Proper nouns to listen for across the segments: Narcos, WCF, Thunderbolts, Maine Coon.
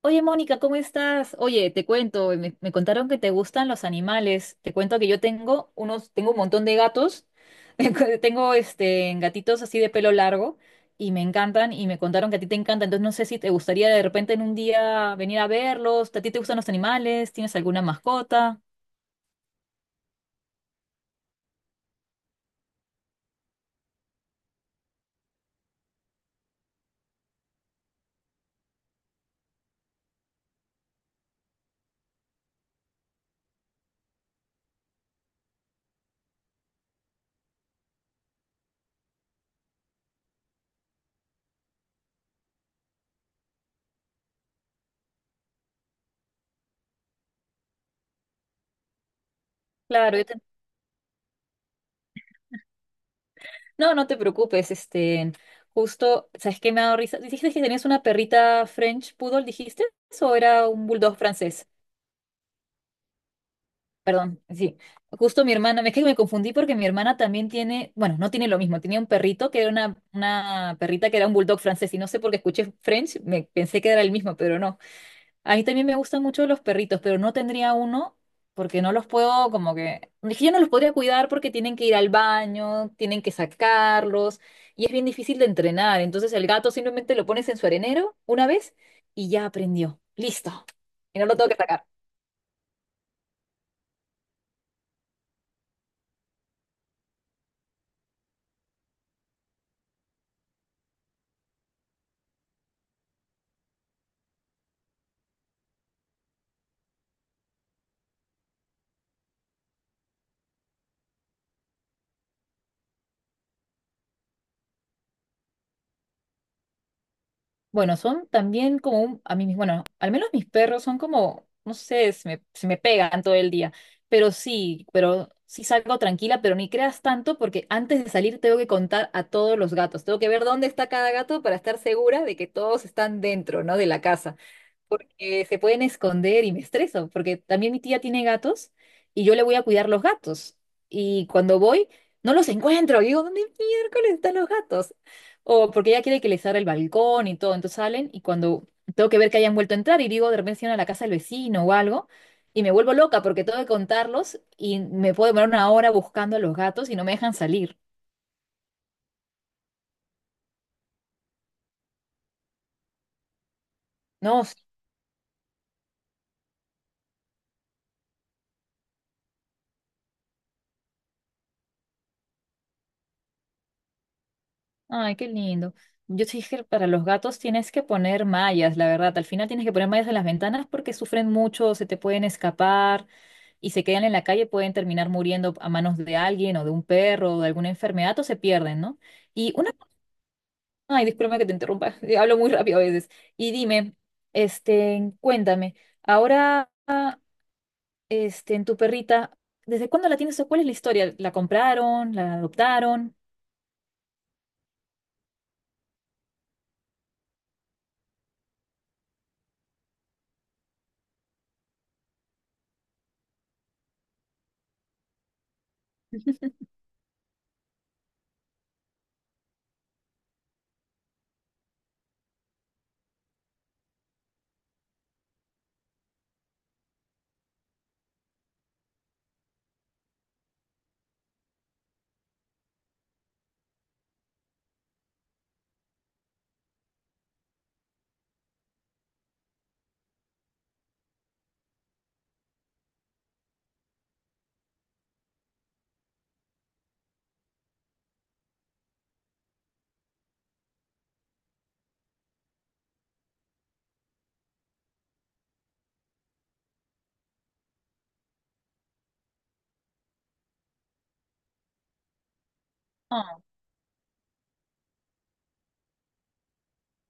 Oye, Mónica, ¿cómo estás? Oye, te cuento, me contaron que te gustan los animales. Te cuento que yo tengo unos, tengo un montón de gatos. Tengo este gatitos así de pelo largo y me encantan y me contaron que a ti te encanta. Entonces no sé si te gustaría de repente en un día venir a verlos. ¿A ti te gustan los animales? ¿Tienes alguna mascota? Claro, yo te- No, no te preocupes, justo, ¿sabes qué me ha dado risa? ¿Dijiste que tenías una perrita French Poodle, dijiste? ¿O era un bulldog francés? Perdón, sí. Justo mi hermana, es que me confundí porque mi hermana también tiene, bueno, no tiene lo mismo, tenía un perrito que era una perrita que era un bulldog francés y no sé por qué escuché French, me pensé que era el mismo, pero no. A mí también me gustan mucho los perritos, pero no tendría uno porque no los puedo como que, es que yo no los podría cuidar porque tienen que ir al baño, tienen que sacarlos y es bien difícil de entrenar. Entonces el gato simplemente lo pones en su arenero una vez y ya aprendió. Listo. Y no lo tengo que sacar. Bueno, son también como un- a mí mis- bueno, al menos mis perros son como, no sé, se me pegan todo el día, pero sí salgo tranquila, pero ni creas tanto porque antes de salir tengo que contar a todos los gatos, tengo que ver dónde está cada gato para estar segura de que todos están dentro, ¿no? De la casa porque se pueden esconder y me estreso, porque también mi tía tiene gatos y yo le voy a cuidar los gatos. Y cuando voy, no los encuentro. Y digo, ¿dónde miércoles están los gatos? O porque ella quiere que les abra el balcón y todo. Entonces salen y cuando tengo que ver que hayan vuelto a entrar y digo, de repente se iban a la casa del vecino o algo. Y me vuelvo loca porque tengo que contarlos y me puedo demorar una hora buscando a los gatos y no me dejan salir. No, ay, qué lindo. Yo sí dije, que para los gatos tienes que poner mallas, la verdad. Al final tienes que poner mallas en las ventanas porque sufren mucho, se te pueden escapar y se quedan en la calle, pueden terminar muriendo a manos de alguien o de un perro o de alguna enfermedad o se pierden, ¿no? Y una... Ay, discúlpame que te interrumpa, hablo muy rápido a veces. Y dime, cuéntame, ahora, en tu perrita, ¿desde cuándo la tienes o cuál es la historia? ¿La compraron? ¿La adoptaron?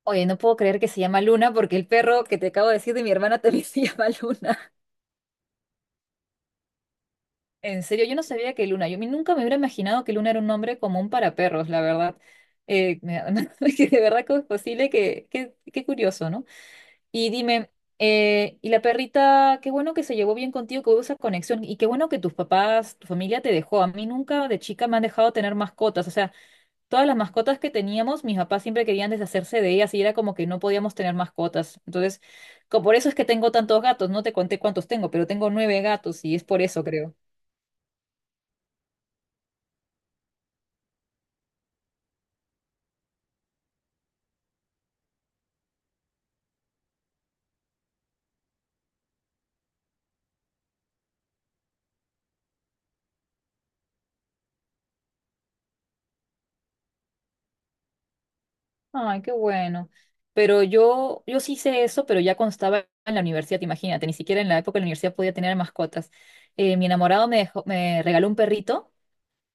Oye, no puedo creer que se llama Luna porque el perro que te acabo de decir de mi hermana también se llama Luna. En serio, yo no sabía que Luna, yo mi- nunca me hubiera imaginado que Luna era un nombre común para perros, la verdad. Me- que de verdad que es posible, que- qué curioso, ¿no? Y dime, y la perrita, qué bueno que se llevó bien contigo, que hubo esa conexión, y qué bueno que tus papás, tu familia te dejó. A mí nunca de chica me han dejado tener mascotas, o sea. Todas las mascotas que teníamos, mis papás siempre querían deshacerse de ellas y era como que no podíamos tener mascotas. Entonces, co- por eso es que tengo tantos gatos. No te conté cuántos tengo, pero tengo nueve gatos y es por eso, creo. Ay, qué bueno. Pero yo sí hice eso, pero ya cuando estaba en la universidad, imagínate, ni siquiera en la época de la universidad podía tener mascotas. Mi enamorado me dejó- me regaló un perrito.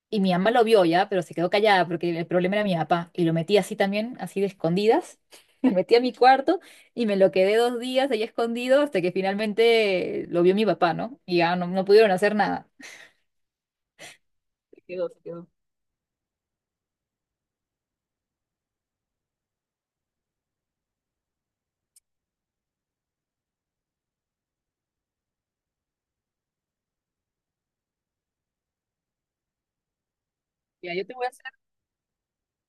Y mi mamá lo vio ya, pero se quedó callada porque el problema era mi papá. Y lo metí así también, así de escondidas. Me metí a mi cuarto y me lo quedé dos días ahí escondido hasta que finalmente lo vio mi papá, ¿no? Y ya no, no pudieron hacer nada. Se quedó, se quedó. Mira, yo te voy a hacer...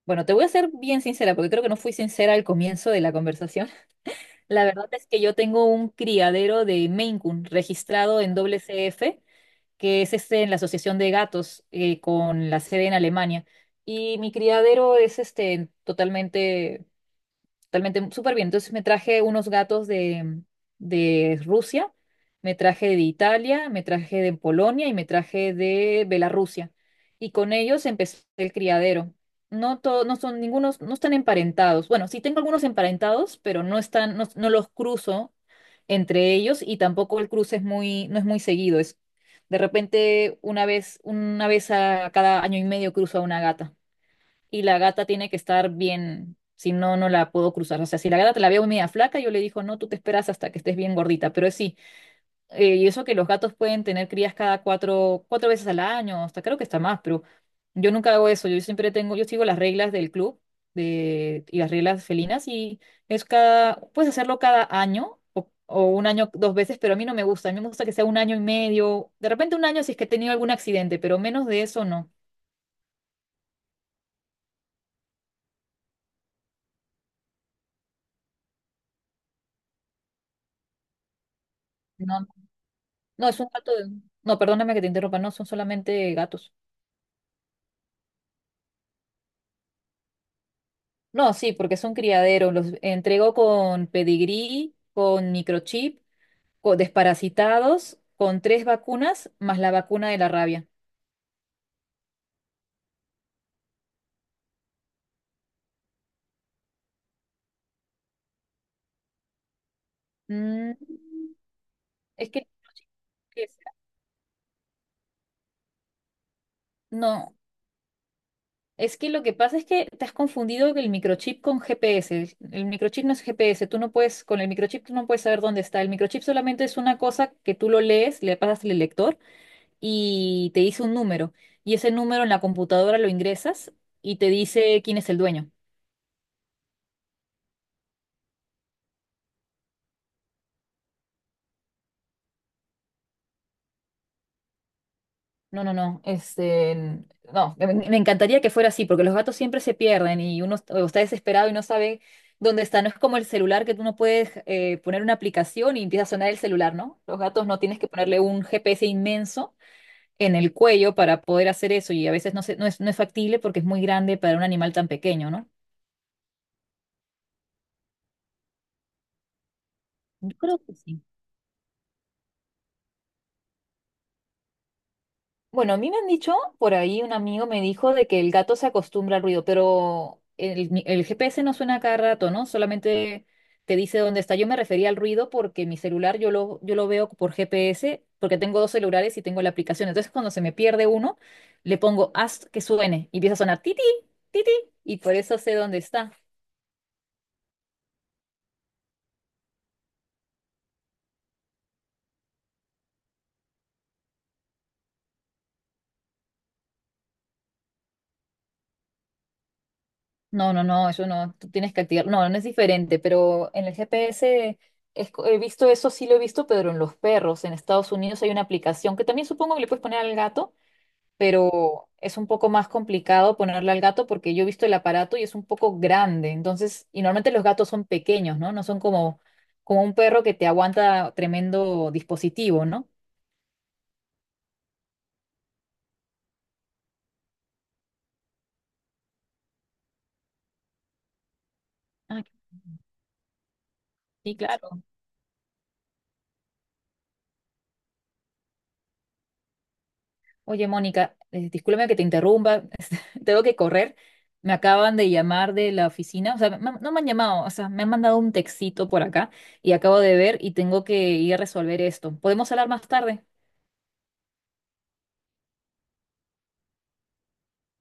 Bueno, te voy a ser bien sincera porque creo que no fui sincera al comienzo de la conversación. La verdad es que yo tengo un criadero de Maine Coon registrado en WCF que es este, en la Asociación de Gatos, con la sede en Alemania. Y mi criadero es este, totalmente. Totalmente súper bien. Entonces me traje unos gatos de Rusia, me traje de Italia, me traje de Polonia y me traje de Bielorrusia. Y con ellos empecé el criadero. No to- no son ningunos, no están emparentados. Bueno, sí tengo algunos emparentados, pero no están, no, no los cruzo entre ellos y tampoco el cruce es muy, no es muy seguido. Es de repente una vez a cada año y medio cruzo a una gata y la gata tiene que estar bien, si no, no la puedo cruzar. O sea, si la gata te la veo media flaca, yo le digo, no, tú te esperas hasta que estés bien gordita, pero es sí, y eso que los gatos pueden tener crías cada cuatro, cuatro veces al año, hasta creo que está más, pero yo nunca hago eso, yo siempre tengo, yo sigo las reglas del club de, y las reglas felinas y es cada, puedes hacerlo cada año. O un año dos veces, pero a mí no me gusta. A mí me gusta que sea un año y medio. De repente un año si es que he tenido algún accidente, pero menos de eso no. No, no, es un gato de... No, perdóname que te interrumpa, no, son solamente gatos. No, sí, porque son criaderos, los entrego con pedigrí, con microchip, con desparasitados, con tres vacunas, más la vacuna de la rabia. Mm, es que... No, es que lo que pasa es que te has confundido el microchip con GPS. El microchip no es GPS, tú no puedes, con el microchip tú no puedes saber dónde está. El microchip solamente es una cosa que tú lo lees, le pasas el lector y te dice un número. Y ese número en la computadora lo ingresas y te dice quién es el dueño. No, no, no. No, me encantaría que fuera así, porque los gatos siempre se pierden y uno est- o está desesperado y no sabe dónde está. No es como el celular que tú no puedes poner una aplicación y empieza a sonar el celular, ¿no? Los gatos no tienes que ponerle un GPS inmenso en el cuello para poder hacer eso y a veces no se- no es, no es factible porque es muy grande para un animal tan pequeño, ¿no? Yo creo que sí. Bueno, a mí me han dicho, por ahí un amigo me dijo de que el gato se acostumbra al ruido, pero el, mi- el GPS no suena a cada rato, ¿no? Solamente te dice dónde está. Yo me refería al ruido porque mi celular yo lo veo por GPS, porque tengo dos celulares y tengo la aplicación. Entonces, cuando se me pierde uno, le pongo haz que suene y empieza a sonar titi, titi, y por eso sé dónde está. No, no, no, eso no, tú tienes que activar. No, no es diferente, pero en el GPS es co- he visto eso, sí lo he visto, pero en los perros, en Estados Unidos hay una aplicación que también supongo que le puedes poner al gato, pero es un poco más complicado ponerle al gato porque yo he visto el aparato y es un poco grande. Entonces, y normalmente los gatos son pequeños, ¿no? No son como, como un perro que te aguanta tremendo dispositivo, ¿no? Ah, sí, claro. Oye, Mónica, discúlpame que te interrumpa, tengo que correr. Me acaban de llamar de la oficina, o sea, me han- no me han llamado, o sea, me han mandado un textito por acá y acabo de ver y tengo que ir a resolver esto. ¿Podemos hablar más tarde?